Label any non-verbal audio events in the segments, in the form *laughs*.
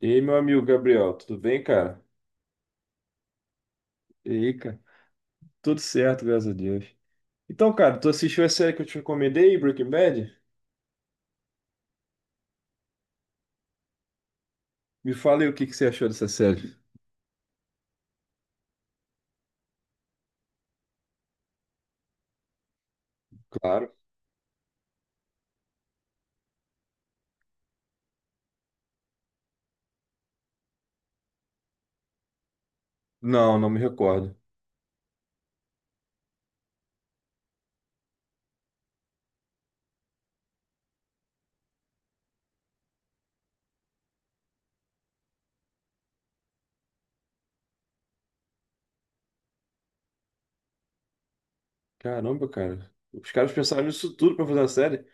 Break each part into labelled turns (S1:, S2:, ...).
S1: E aí, meu amigo Gabriel, tudo bem, cara? E aí, cara? Tudo certo, graças a Deus. Então, cara, tu assistiu a série que eu te recomendei, Breaking Bad? Me fala aí o que que você achou dessa série. Claro. Não, não me recordo. Caramba, cara. Os caras pensaram nisso tudo pra fazer a série?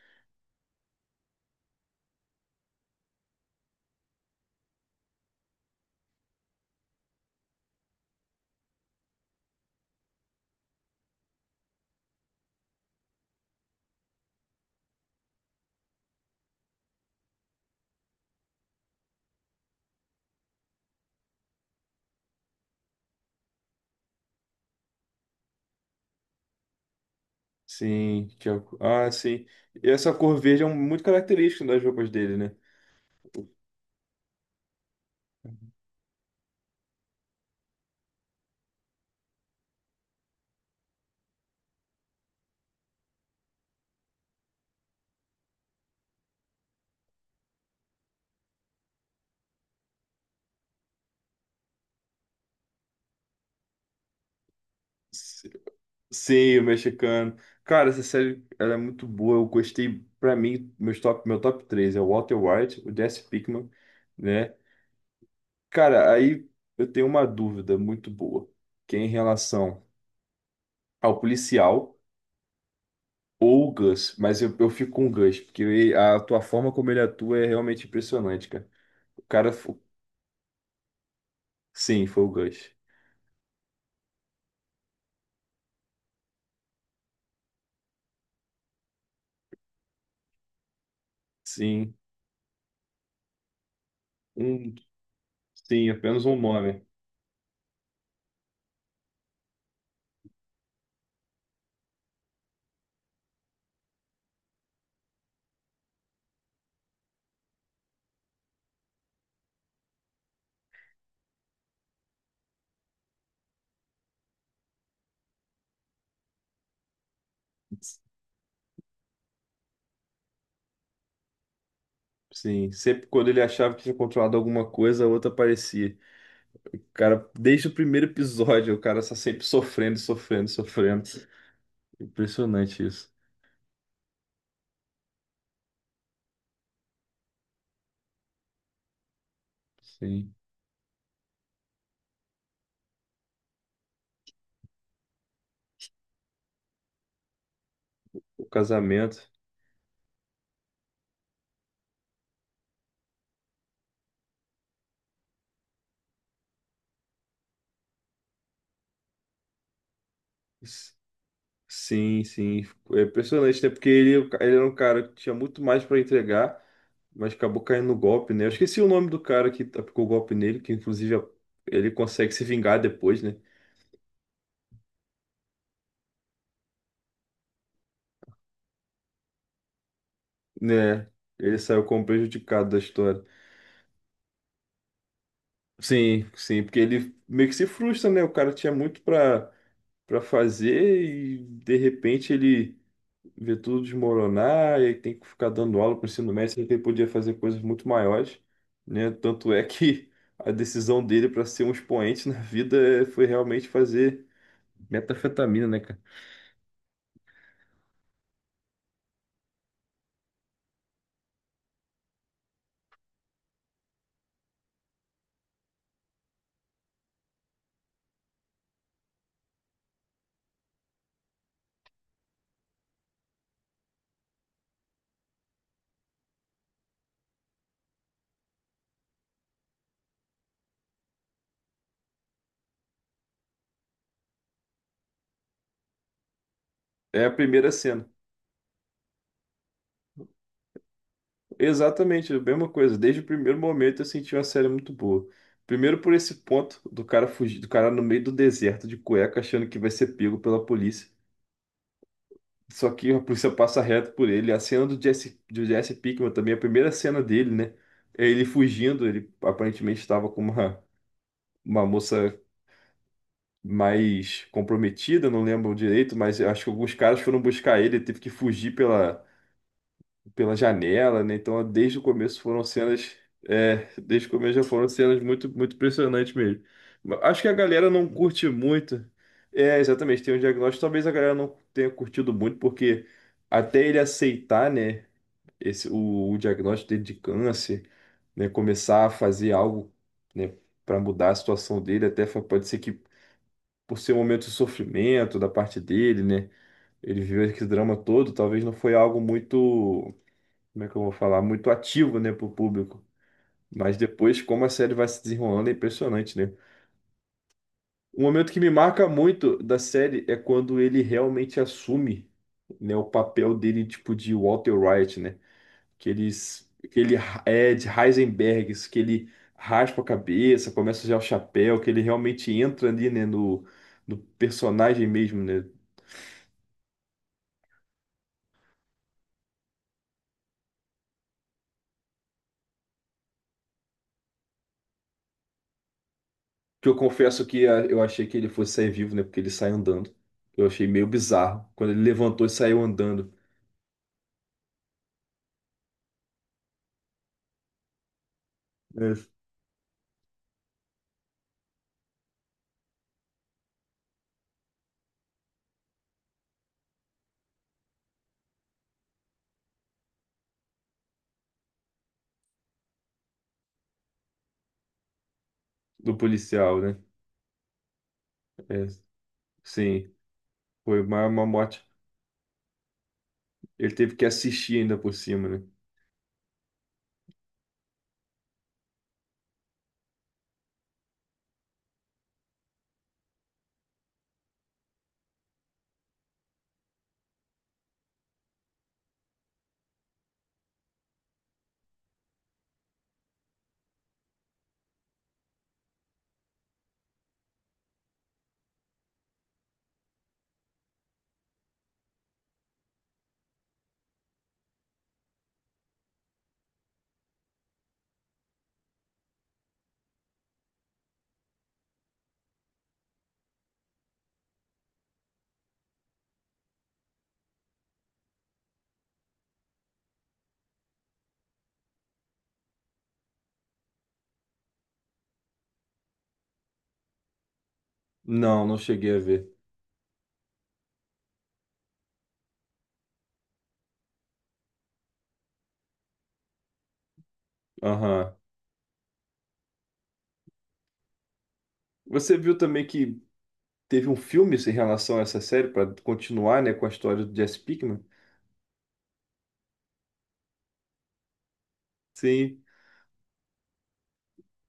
S1: Sim, ah, sim. E essa cor verde é muito característica das roupas dele, né? S- Sim, o mexicano. Cara, essa série ela é muito boa. Eu gostei, pra mim, meu top 3 é o Walter White, o Jesse Pinkman, né? Cara, aí eu tenho uma dúvida muito boa, que é em relação ao policial ou o Gus, mas eu fico com o Gus, porque a tua forma como ele atua é realmente impressionante, cara. O cara, sim, foi o Gus. Sim, um, sim, apenas um nome. Sim, sempre quando ele achava que tinha controlado alguma coisa, a outra aparecia. O cara, desde o primeiro episódio, o cara está sempre sofrendo, sofrendo, sofrendo. Impressionante isso. Sim, o casamento. Sim, sim. É impressionante, né? Porque ele era um cara que tinha muito mais para entregar, mas acabou caindo no golpe, né? Eu esqueci o nome do cara que aplicou o golpe nele, que inclusive ele consegue se vingar depois, né? Né? Ele saiu como prejudicado da história. Sim, sim, porque ele meio que se frustra, né? O cara tinha muito para fazer e de repente ele ver tudo desmoronar e aí tem que ficar dando aula para o ensino médio, sendo que ele podia fazer coisas muito maiores, né? Tanto é que *laughs* a decisão dele para ser um expoente na vida foi realmente fazer metanfetamina, né, cara? É a primeira cena. Exatamente, a mesma coisa. Desde o primeiro momento eu senti uma série muito boa. Primeiro por esse ponto do cara fugir, do cara no meio do deserto de cueca achando que vai ser pego pela polícia. Só que a polícia passa reto por ele. A cena do Jesse Pinkman também, a primeira cena dele, né? É ele fugindo, ele aparentemente estava com uma moça mais comprometida, não lembro direito, mas eu acho que alguns caras foram buscar ele, ele teve que fugir pela janela, né? Então, desde o começo foram cenas, desde o começo já foram cenas muito, muito impressionantes mesmo. Mas acho que a galera não curte muito. É, exatamente, tem um diagnóstico, talvez a galera não tenha curtido muito, porque até ele aceitar, né? O diagnóstico dele de câncer, né, começar a fazer algo, né, para mudar a situação dele, pode ser que por ser um momento de sofrimento da parte dele, né, ele viveu esse drama todo, talvez não foi algo muito, como é que eu vou falar, muito ativo, né, para o público. Mas depois, como a série vai se desenrolando, é impressionante, né? Um momento que me marca muito da série é quando ele realmente assume, né, o papel dele, tipo, de Walter White, né, que ele é de Heisenbergs, que ele raspa a cabeça, começa a usar o chapéu, que ele realmente entra ali, né, no, no personagem mesmo, né? Que eu confesso que eu achei que ele fosse sair vivo, né, porque ele sai andando. Eu achei meio bizarro quando ele levantou e saiu andando, né, do policial, né? É, sim, foi uma morte. Ele teve que assistir ainda por cima, né? Não, não cheguei a ver. Aham. Você viu também que teve um filme assim, em relação a essa série para continuar, né, com a história do Jesse Pinkman. Sim,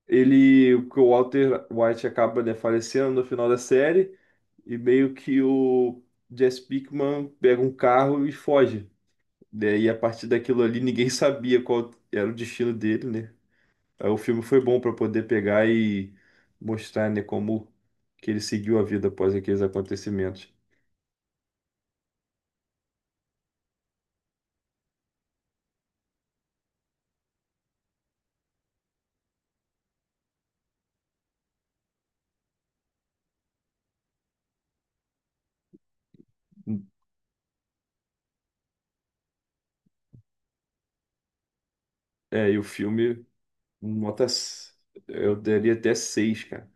S1: ele, que o Walter White acaba, né, falecendo no final da série e meio que o Jesse Pinkman pega um carro e foge, né? E a partir daquilo ali ninguém *laughs* sabia qual era o destino dele, né? Aí o filme foi bom para poder pegar e mostrar, né, como que ele seguiu a vida após aqueles acontecimentos. É, e o filme, nota. s- eu daria até seis, cara.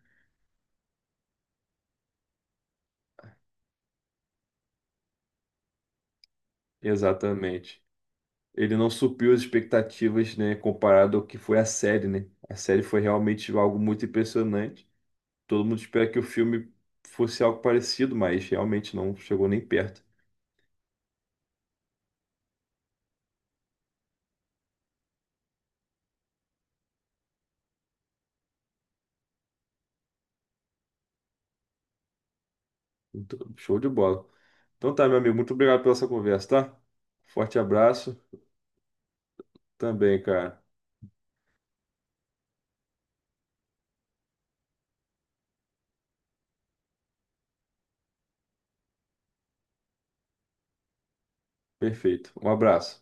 S1: Exatamente. Ele não supriu as expectativas, né? Comparado ao que foi a série, né? A série foi realmente algo muito impressionante. Todo mundo espera que o filme fosse algo parecido, mas realmente não chegou nem perto. Então, show de bola. Então tá, meu amigo, muito obrigado pela essa conversa, tá? Forte abraço também, cara. Perfeito. Um abraço.